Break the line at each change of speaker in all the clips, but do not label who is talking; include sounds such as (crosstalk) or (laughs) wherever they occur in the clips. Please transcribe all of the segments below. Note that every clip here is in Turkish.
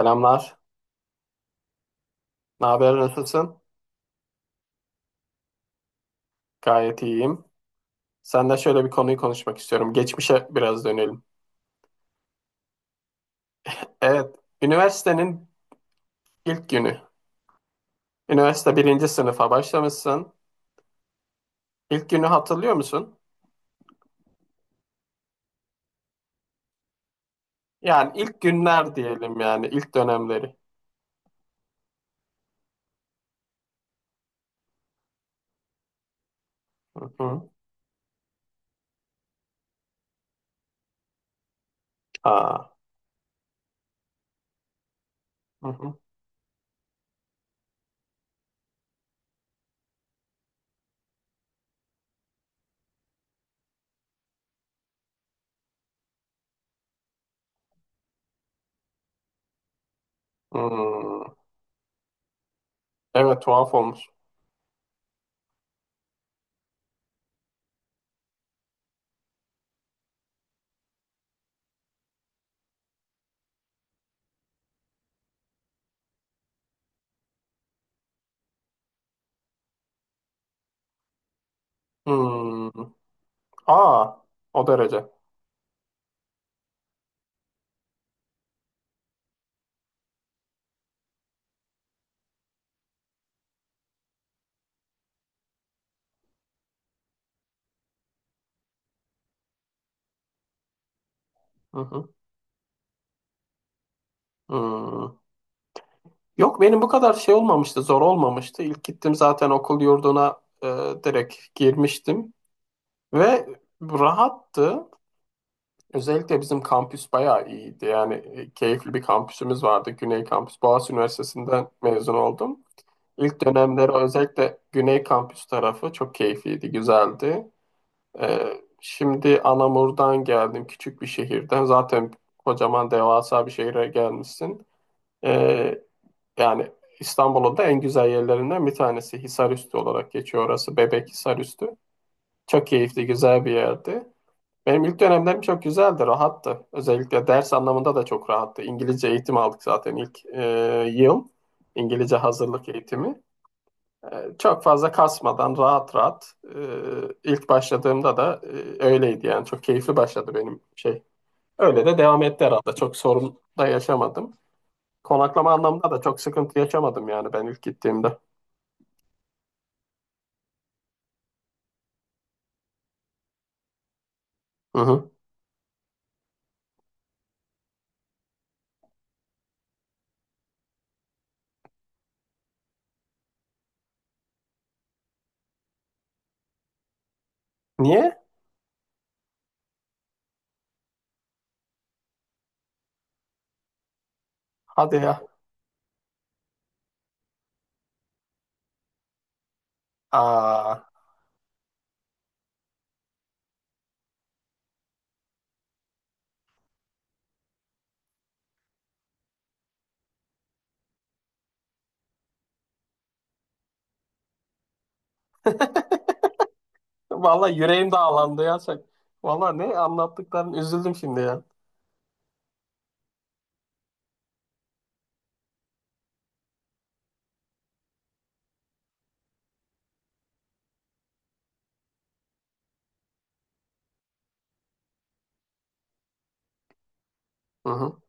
Selamlar. Ne haber, nasılsın? Gayet iyiyim. Senden şöyle bir konuyu konuşmak istiyorum. Geçmişe biraz dönelim. Evet, üniversitenin ilk günü. Üniversite birinci sınıfa başlamışsın. İlk günü hatırlıyor musun? Yani ilk günler diyelim, yani ilk dönemleri. Hı hı. Aa. Hı hı. Hmm. Evet, tuhaf olmuş. Hmm. Aa, o derece. Hı hı. Hmm. Yok, benim bu kadar şey olmamıştı, zor olmamıştı. İlk gittim zaten okul yurduna, direkt girmiştim ve rahattı. Özellikle bizim kampüs bayağı iyiydi. Yani keyifli bir kampüsümüz vardı. Güney Kampüs, Boğaziçi Üniversitesi'nden mezun oldum. İlk dönemleri özellikle Güney Kampüs tarafı çok keyifliydi, güzeldi. E, Şimdi Anamur'dan geldim, küçük bir şehirden. Zaten kocaman devasa bir şehire gelmişsin. E, Yani İstanbul'un da en güzel yerlerinden bir tanesi. Hisarüstü olarak geçiyor orası. Bebek Hisarüstü. Çok keyifli, güzel bir yerdi. Benim ilk dönemlerim çok güzeldi, rahattı. Özellikle ders anlamında da çok rahattı. İngilizce eğitim aldık zaten ilk yıl. İngilizce hazırlık eğitimi. E, Çok fazla kasmadan, rahat rahat ilk başladığımda da öyleydi yani. Çok keyifli başladı benim şey. Öyle de devam etti herhalde. Çok sorun da yaşamadım. Konaklama anlamında da çok sıkıntı yaşamadım yani, ben ilk gittiğimde. Hı hı. Niye? Hadi ya. Aa. (laughs) Vallahi yüreğim dağlandı ya sen. Vallahi ne anlattıkların, üzüldüm şimdi ya. Hı hı.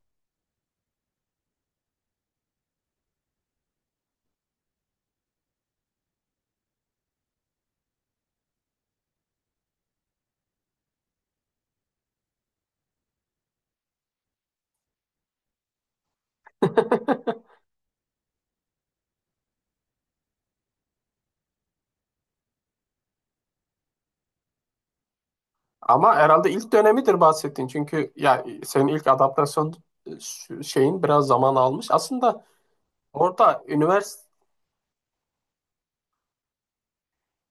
(laughs) Ama herhalde ilk dönemidir bahsettiğin. Çünkü ya senin ilk adaptasyon şeyin biraz zaman almış. Aslında orada üniversite,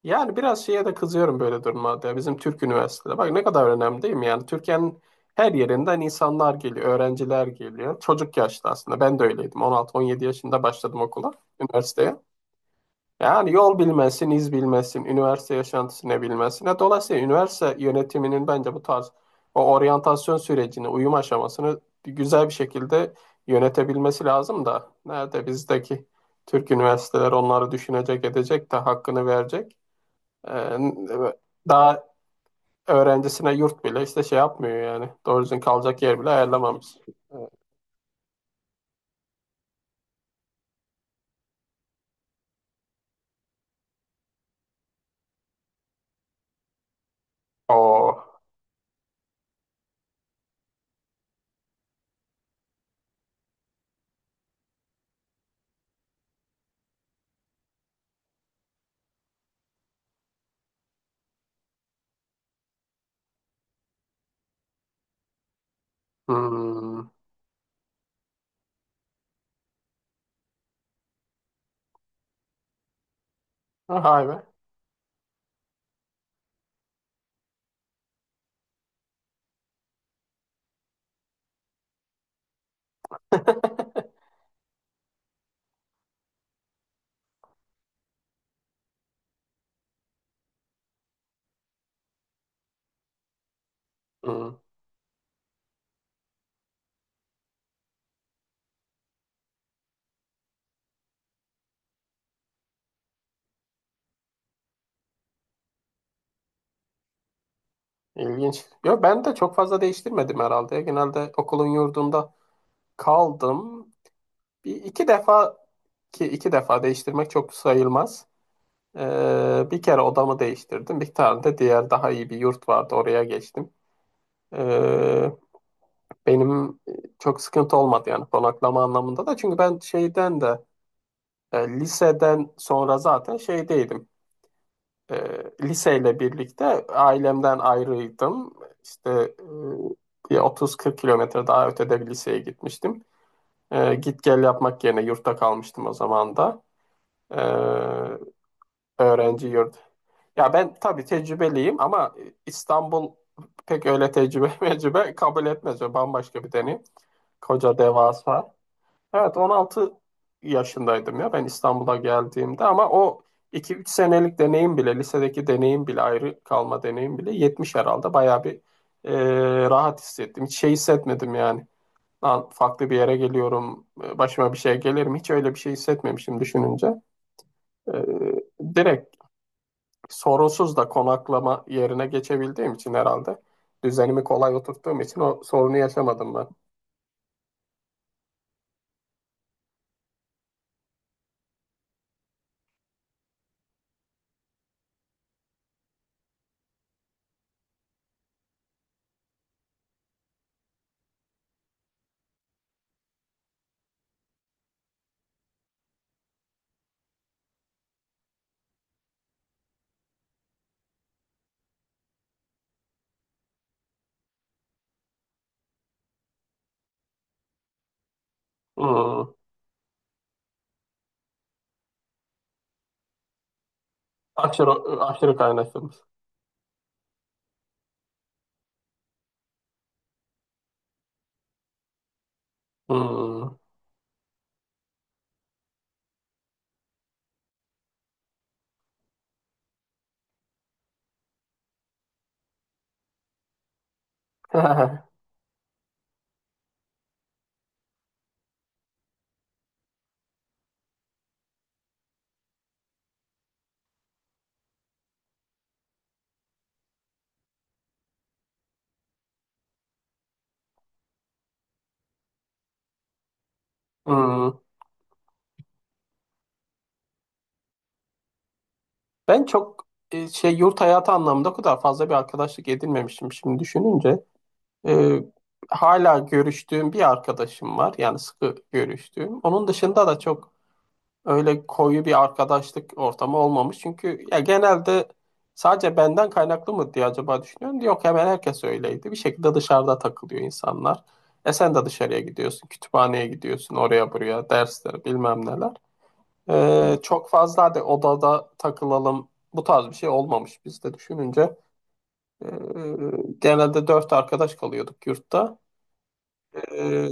yani biraz şeye de kızıyorum böyle durumlarda, ya. Bizim Türk üniversitede bak ne kadar önemli, değil mi? Yani Türkiye'nin her yerinden insanlar geliyor, öğrenciler geliyor. Çocuk yaşta aslında. Ben de öyleydim. 16-17 yaşında başladım okula, üniversiteye. Yani yol bilmesin, iz bilmesin, üniversite yaşantısını bilmesin. Ya, dolayısıyla üniversite yönetiminin bence bu tarz o oryantasyon sürecini, uyum aşamasını güzel bir şekilde yönetebilmesi lazım da nerede bizdeki Türk üniversiteler onları düşünecek, edecek de hakkını verecek. Ee, Daha öğrencisine yurt bile işte şey yapmıyor yani. Doğru düzgün kalacak yer bile ayarlamamış. O. Hmm. Vay be. (laughs) Hmm. İlginç. Yo, ben de çok fazla değiştirmedim herhalde. Genelde okulun yurdunda kaldım. Bir iki defa, ki iki defa değiştirmek çok sayılmaz. Bir kere odamı değiştirdim. Bir tane de diğer, daha iyi bir yurt vardı. Oraya geçtim. Ee, Benim çok sıkıntı olmadı yani konaklama anlamında da. Çünkü ben şeyden de liseden sonra zaten şeydeydim. e, Liseyle birlikte ailemden ayrıydım. İşte bir 30-40 kilometre daha ötede bir liseye gitmiştim. Git gel yapmak yerine yurtta kalmıştım o zaman da. E, Öğrenci yurdu. Ya ben tabii tecrübeliyim, ama İstanbul pek öyle tecrübe (laughs) mecrübe kabul etmez. O bambaşka bir deneyim. Koca devasa. Evet, 16 yaşındaydım ya ben İstanbul'a geldiğimde, ama o iki üç senelik deneyim bile, lisedeki deneyim bile, ayrı kalma deneyim bile 70 herhalde, bayağı bir rahat hissettim. Hiç şey hissetmedim yani. Lan, farklı bir yere geliyorum, başıma bir şey gelir mi? Hiç öyle bir şey hissetmemişim düşününce. E, Direkt sorunsuz da konaklama yerine geçebildiğim için, herhalde düzenimi kolay oturttuğum için o sorunu yaşamadım ben. Hmm. Aşırı, aşırı kaynaşılmış. Hmm. (laughs) Hmm. Ben çok şey, yurt hayatı anlamında o kadar fazla bir arkadaşlık edinmemişim şimdi düşününce. E, Hala görüştüğüm bir arkadaşım var. Yani sıkı görüştüğüm. Onun dışında da çok öyle koyu bir arkadaşlık ortamı olmamış. Çünkü ya genelde, sadece benden kaynaklı mı diye acaba düşünüyorum. Yok, hemen herkes öyleydi. Bir şekilde dışarıda takılıyor insanlar. Sen de dışarıya gidiyorsun, kütüphaneye gidiyorsun, oraya buraya, dersler bilmem neler. Çok fazla hadi odada takılalım, bu tarz bir şey olmamış bizde düşününce. Ee, Genelde dört arkadaş kalıyorduk yurtta. Ee,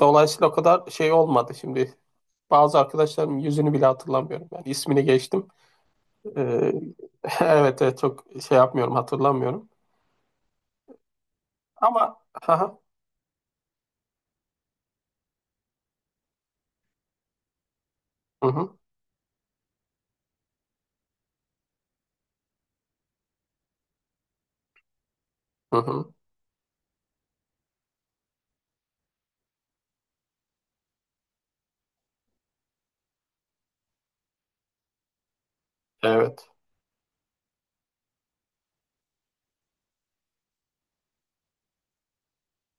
Dolayısıyla o kadar şey olmadı şimdi. Bazı arkadaşlarım yüzünü bile hatırlamıyorum. Yani ismini geçtim. Ee, (laughs) evet, evet, çok şey yapmıyorum, hatırlamıyorum. Ama (laughs) hı hı, hı hı, hı hı, evet.